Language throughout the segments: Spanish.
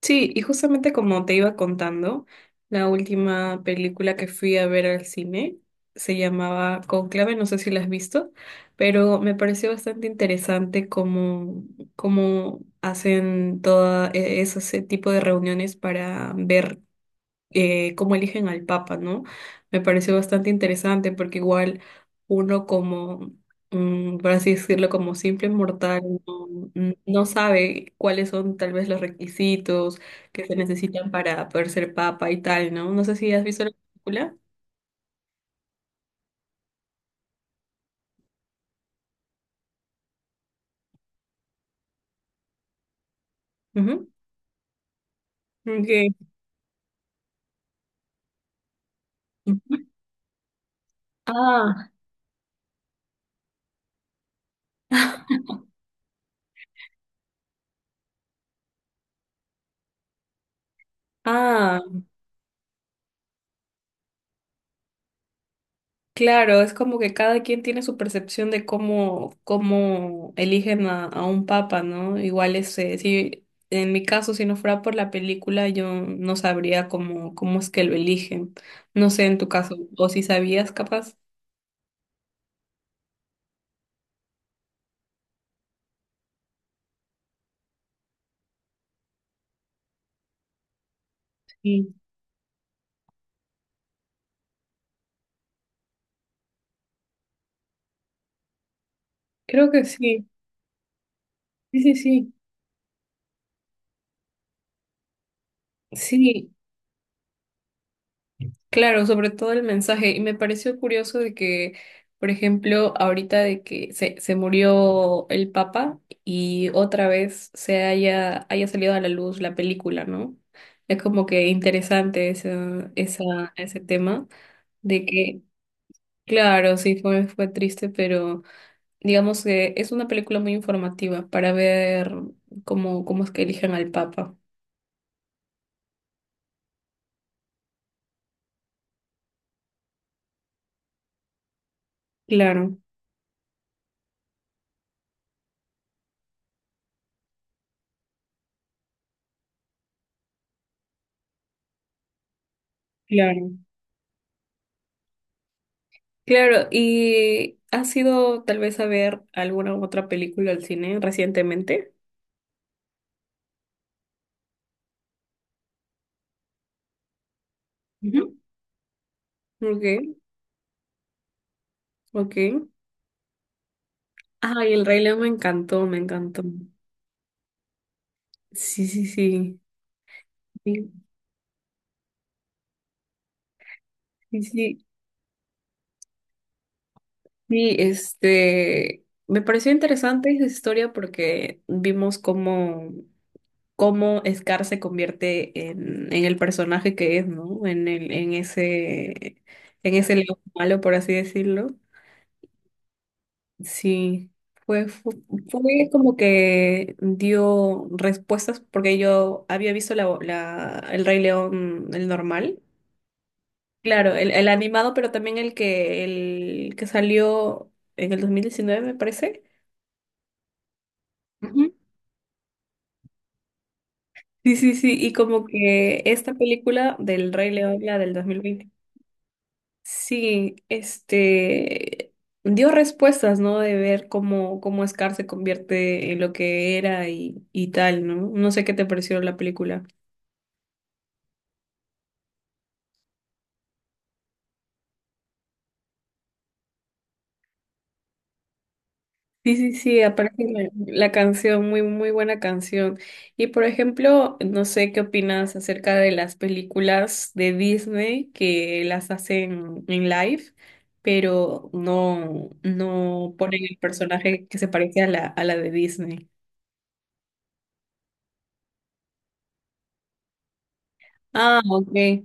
Sí, y justamente como te iba contando, la última película que fui a ver al cine se llamaba Conclave, no sé si la has visto, pero me pareció bastante interesante cómo hacen todo ese tipo de reuniones para ver cómo eligen al Papa, ¿no? Me pareció bastante interesante porque igual uno como, por así decirlo, como simple mortal, no, no sabe cuáles son tal vez los requisitos que se necesitan para poder ser Papa y tal, ¿no? No sé si has visto la película. Ujú. Ok. Ujú. Ah, ah. Claro, es como que cada quien tiene su percepción de cómo eligen a un papa, ¿no? Igual ese, si en mi caso, si no fuera por la película, yo no sabría cómo es que lo eligen. No sé en tu caso, o si sabías capaz. Sí. Creo que sí. Sí, sí, sí. Sí. Claro, sobre todo el mensaje. Y me pareció curioso de que, por ejemplo, ahorita de que se murió el Papa y otra vez se haya salido a la luz la película, ¿no? Es como que interesante ese tema de que, claro, sí fue triste, pero digamos que es una película muy informativa para ver cómo es que eligen al Papa. Claro, claro. Claro, ¿y has ido tal vez a ver alguna otra película al cine recientemente? Ujú. Ok, ok. Ay, El Rey León me encantó, me encantó. Sí, sí, sí. Sí, sí, sí. Sí, me pareció interesante esa historia porque vimos cómo Scar se convierte en el personaje que es, ¿no? En ese león malo, por así decirlo. Sí, fue, fue, fue como que dio respuestas porque yo había visto el Rey León, el normal, claro, el animado, pero también el que salió en el 2019 me parece. Ujú. Sí, sí, sí, y como que esta película del Rey León, la del 2020. Sí, este dio respuestas, ¿no? De ver cómo Scar se convierte en lo que era y, tal, ¿no? No sé qué te pareció la película. Sí, sí, sí, aparte la canción, muy, muy buena canción. Y por ejemplo, no sé qué opinas acerca de las películas de Disney que las hacen en live, pero no ponen el personaje que se parece a la de Disney. Ah, ok.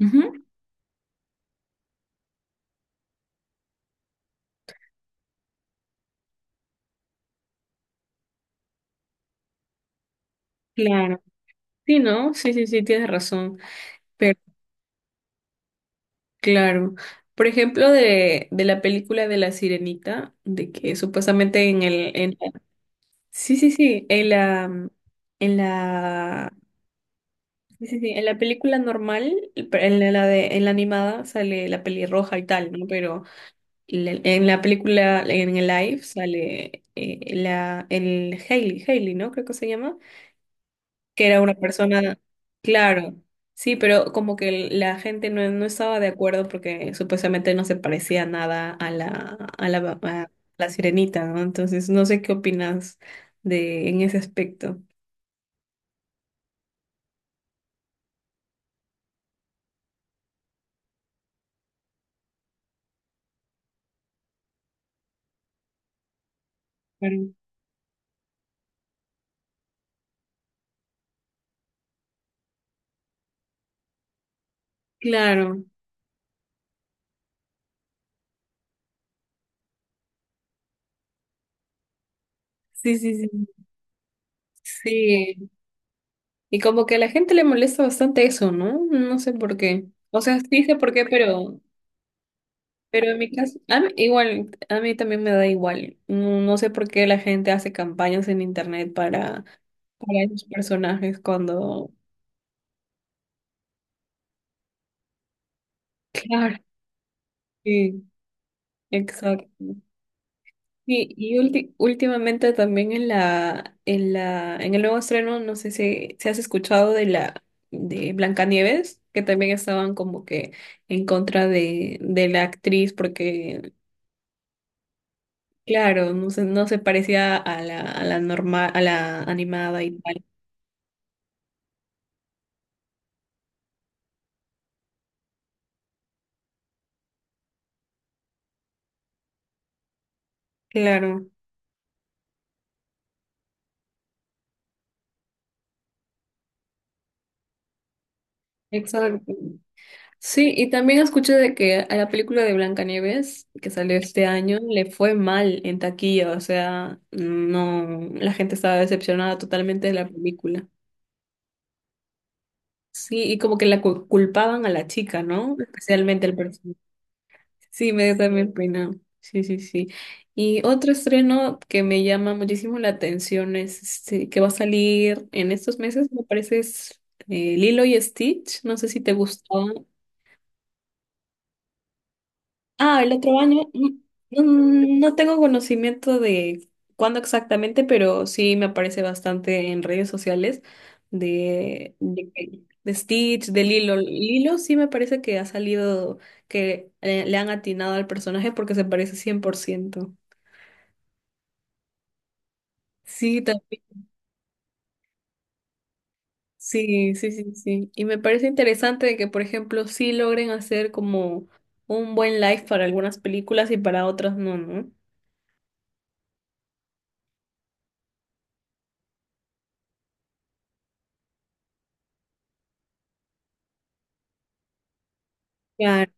Ujú, claro. Sí, ¿no? Sí, sí, sí, tienes razón. Pero claro, por ejemplo, de la película de La Sirenita, de que supuestamente sí, sí, sí, en la, mm, en la, sí, sí, sí, en la película normal, en la animada sale la pelirroja y tal, ¿no? Pero en el live sale el Hailey, ¿no? Creo que se llama. Que era una persona, claro, sí, pero como que la gente no estaba de acuerdo porque supuestamente no se parecía nada a la sirenita, ¿no? Entonces, no sé qué opinas de en ese aspecto. Claro. Claro. Sí, sí, sí. Sí. Y como que a la gente le molesta bastante eso, ¿no? No sé por qué. O sea, sí sé por qué, pero en mi caso, igual, a mí también me da igual. No, no sé por qué la gente hace campañas en internet para esos personajes cuando... Claro, sí, exacto. Sí, y últimamente también en el nuevo estreno, no sé si has escuchado de la de Blancanieves, que también estaban como que en contra de la actriz, porque claro, no se parecía a la normal, a la animada y tal. Claro, exacto. Sí, y también escuché de que a la película de Blancanieves, que salió este año, le fue mal en taquilla, o sea, no, la gente estaba decepcionada totalmente de la película. Sí, y como que culpaban a la chica, ¿no? Especialmente al personaje. Sí, me dio también pena. Sí, sí, sí. Y otro estreno que me llama muchísimo la atención es este, que va a salir en estos meses, me parece es Lilo y Stitch, no sé si te gustó. Ah, el otro año. No tengo conocimiento de cuándo exactamente, pero sí me aparece bastante en redes sociales de Stitch, de Lilo. Lilo sí me parece que ha salido, que le han atinado al personaje porque se parece 100%. Sí, también. Sí, sí, sí, sí. Y me parece interesante de que, por ejemplo, sí logren hacer como un buen live para algunas películas y para otras no, ¿no? Claro,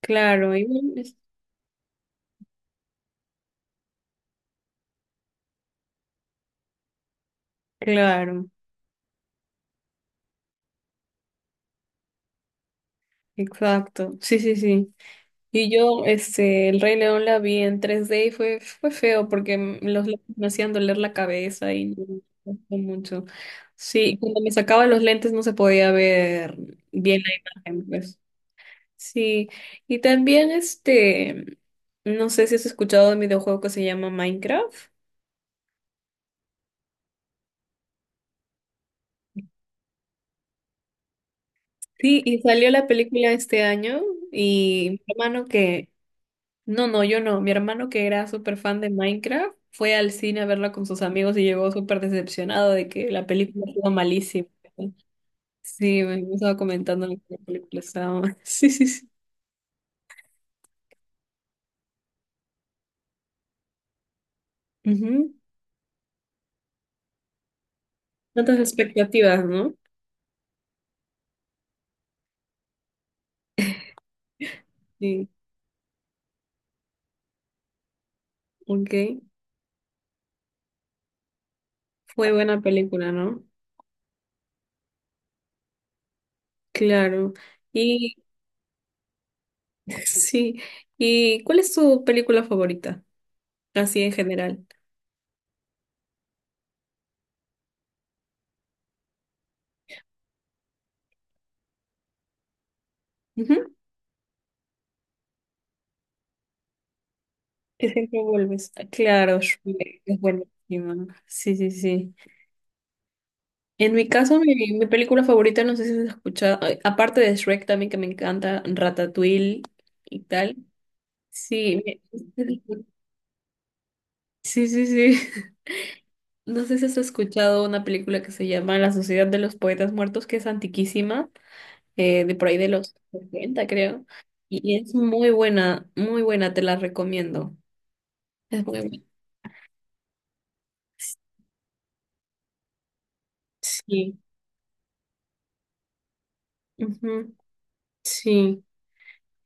claro. Y bueno. Claro. Exacto, sí, sí, sí. Y yo, El Rey León la vi en 3D y fue feo porque los lentes me hacían doler la cabeza y no me gustó mucho. Sí, cuando me sacaba los lentes no se podía ver bien la imagen, pues. Sí, y también no sé si has escuchado de un videojuego que se llama Minecraft. Sí, y salió la película este año y mi hermano que No, no, yo no. Mi hermano, que era súper fan de Minecraft, fue al cine a verla con sus amigos y llegó súper decepcionado de que la película estaba malísima. Sí, me estaba comentando que la película estaba mal. Sí, sí, sí. Ujú. Tantas expectativas, ¿no? Sí, ok. Fue buena película, ¿no? Claro. Y sí. ¿Y cuál es tu película favorita? Así en general. Ujú. Que siempre vuelves. Claro, Shrek es buenísima. Sí, sí, sí. En mi caso, mi película favorita, no sé si has escuchado, ay, aparte de Shrek también que me encanta, Ratatouille y tal. Sí, sí, sí, sí. No sé si has escuchado una película que se llama La Sociedad de los Poetas Muertos, que es antiquísima, de por ahí de los 70, creo. Y es muy buena, te la recomiendo. Es muy buena. Sí. Ujú, sí.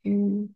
Mm.